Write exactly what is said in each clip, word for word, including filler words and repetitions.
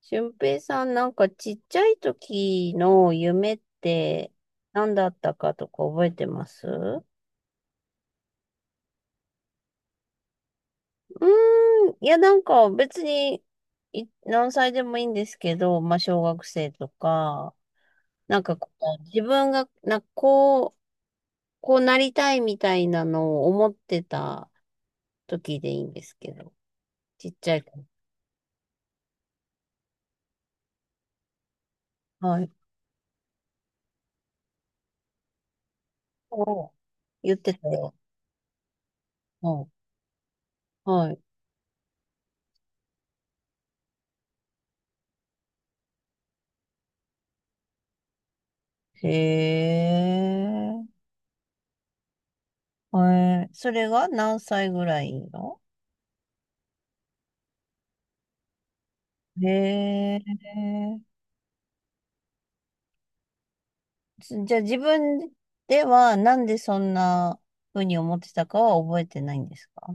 俊平さん、なんかちっちゃい時の夢って何だったかとか覚えてます？うーん、いや、なんか別にい何歳でもいいんですけど、まあ小学生とか、なんかこう自分がなんかこう、こうなりたいみたいなのを思ってた時でいいんですけど、ちっちゃい子。はい。お。言ってたよ。うん。はい。へえ。えー、それが何歳ぐらいの？へえ。つじゃあ自分ではなんでそんな風に思ってたかは覚えてないんですか？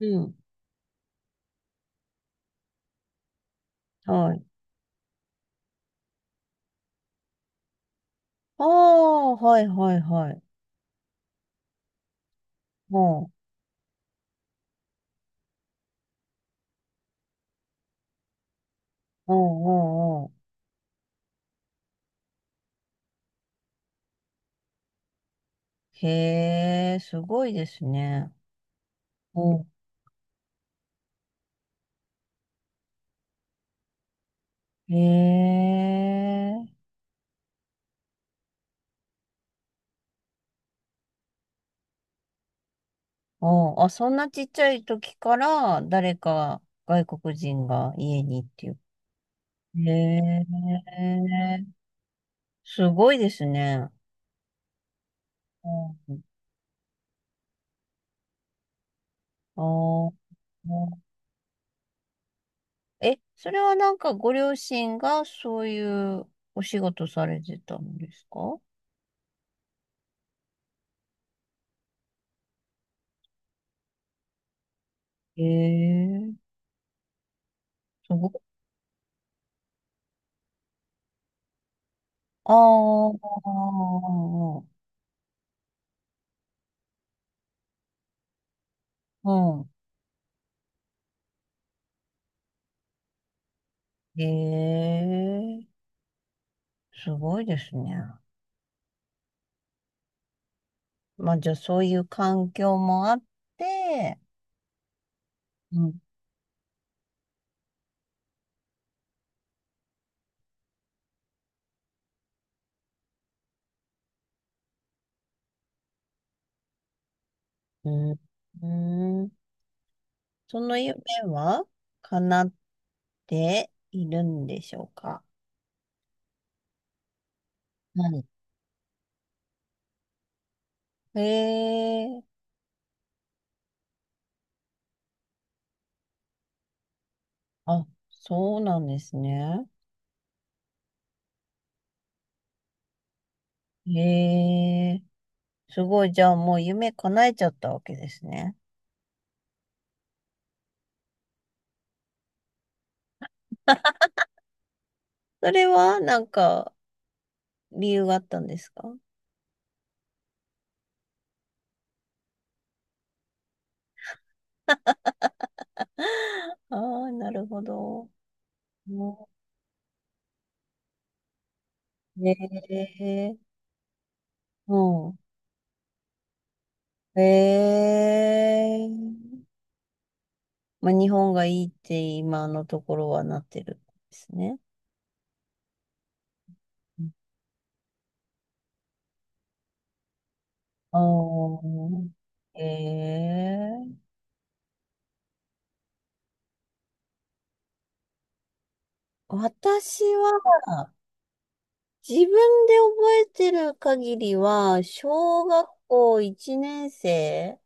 うん。はい。ああ、はいはいはい。おうん、おうん、おうん、おうん。へえ、すごいですね。おうん。へえ。おうあ、そんなちっちゃい時から誰か外国人が家にっていう。へえ。すごいですね。うん。ああ。え、それはなんかご両親がそういうお仕事されてたんですか？ええ、すごい。ああ、うん。ええ、すごいですね。まあじゃあそういう環境もあって、うん。うん、うん、その夢は叶っているんでしょうか？はい。ええ、あ、そうなんですね。へえ、すごい。じゃあもう夢叶えちゃったわけですね。それはなんか理由があったんですか？ああー、なるほど。うん。へえ、うん。へえ、まあ、日本がいいって今のところはなってるんですね。ああー、へえ。私は、自分で覚えてる限りは、小学校いちねん生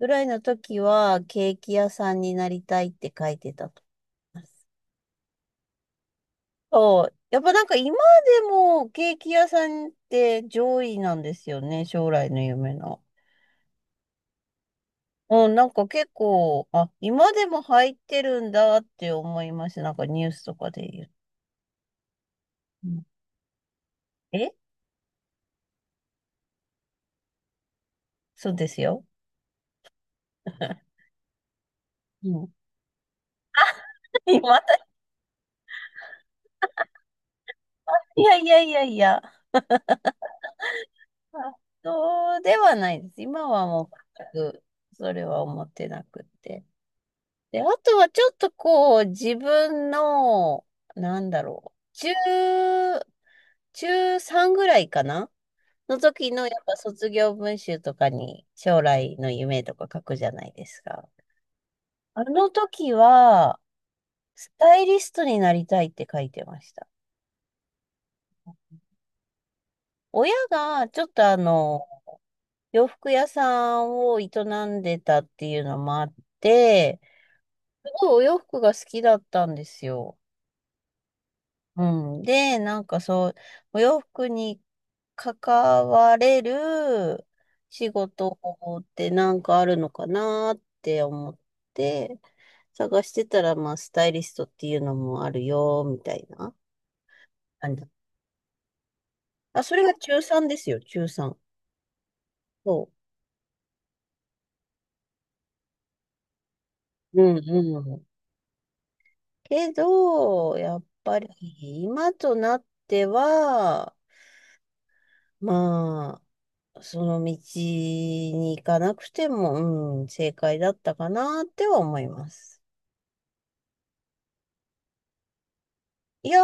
ぐらいの時は、ケーキ屋さんになりたいって書いてたと思います。そう。やっぱなんか今でもケーキ屋さんって上位なんですよね、将来の夢の。うん、なんか結構、あ、今でも入ってるんだって思いました。なんかニュースとかで言う。うん。え、そうですよ。うん、今だ、いやいやいやいや。あ、そうではないです。今はもう全くそれは思ってなくて。で、あとはちょっとこう、自分の、なんだろう、中、中さんぐらいかなの時のやっぱ卒業文集とかに将来の夢とか書くじゃないですか。あの時は、スタイリストになりたいって書いてました。親がちょっとあの、洋服屋さんを営んでたっていうのもあって、ごいお洋服が好きだったんですよ。うん。で、なんかそう、お洋服に関われる仕事法ってなんかあるのかなって思って、探してたら、まあ、スタイリストっていうのもあるよ、みたいな感じ。あ、それが中さんですよ、中さん。そう。うんうん。けど、やっぱり、今となっては、まその道に行かなくても、うん、正解だったかなっては思います。いや、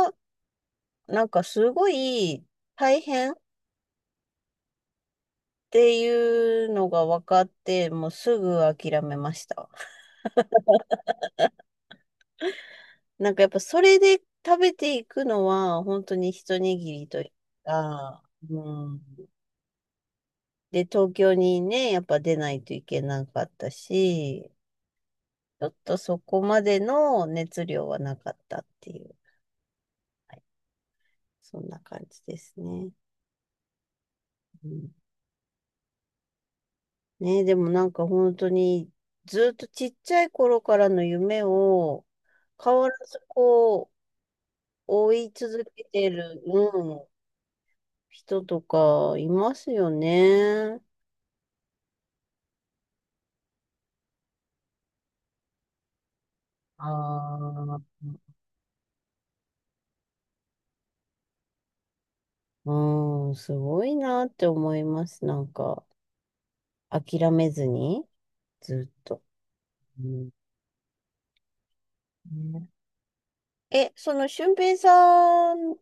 なんかすごい大変っていうのが分かって、もうすぐ諦めました。なんかやっぱそれで食べていくのは本当に一握りというか、うん。で、東京にね、やっぱ出ないといけなかったし、ちょっとそこまでの熱量はなかったっていう、そんな感じですね。うん。ねえ、でもなんか本当にずっとちっちゃい頃からの夢を変わらずこう追い続けてる、うん、人とかいますよね。ああ、うん、すごいなって思います。なんか諦めずにずっと。うん。ねえ、その俊平さん、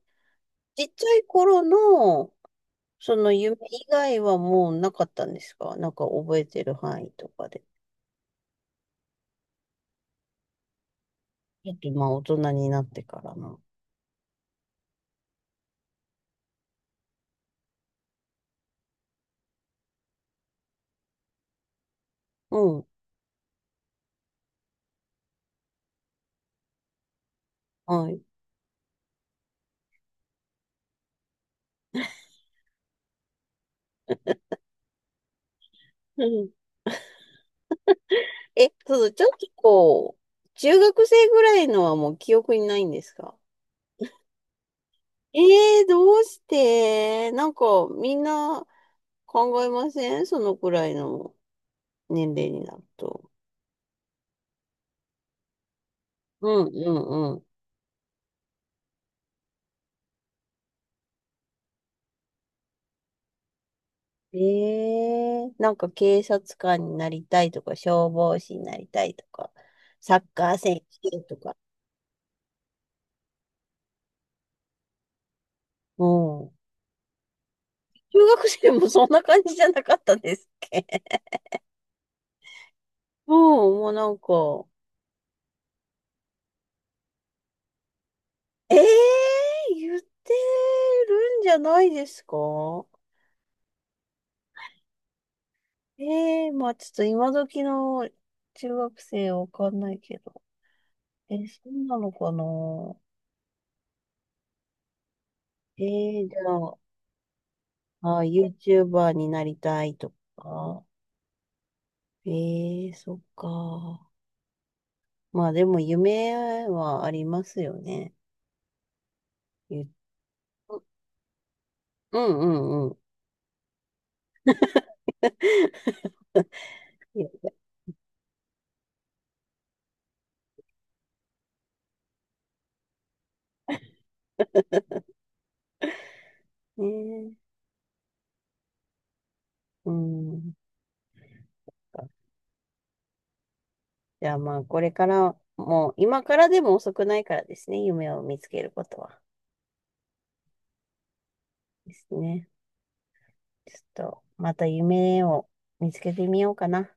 ちっちゃい頃のその夢以外はもうなかったんですか？なんか覚えてる範囲とかで。あと、まあ、大人になってからな。うん。はい。うん。え、そうちょっとこう、中学生ぐらいのはもう記憶にないんですか？ええー、どうしてなんか、みんな考えません？そのくらいの年齢になると。うん、うん、うん。ええー、なんか警察官になりたいとか、消防士になりたいとか、サッカー選手とか。うん。中学生もそんな感じじゃなかったですっけ？うん、もうなんか、ええ言ってるんじゃないですか？ええ、まあちょっと今時の中学生わかんないけど。えー、そうなのかな？ええ、じゃあ、あ、ユーチューバー になりたいとか。ええ、そっか。まあでも夢はありますよね。ゆうんうんうん。ねえ。うん。じゃあまあ、これからもう、今からでも遅くないからですね、夢を見つけることは。ですね。ちょっと、また夢を見つけてみようかな。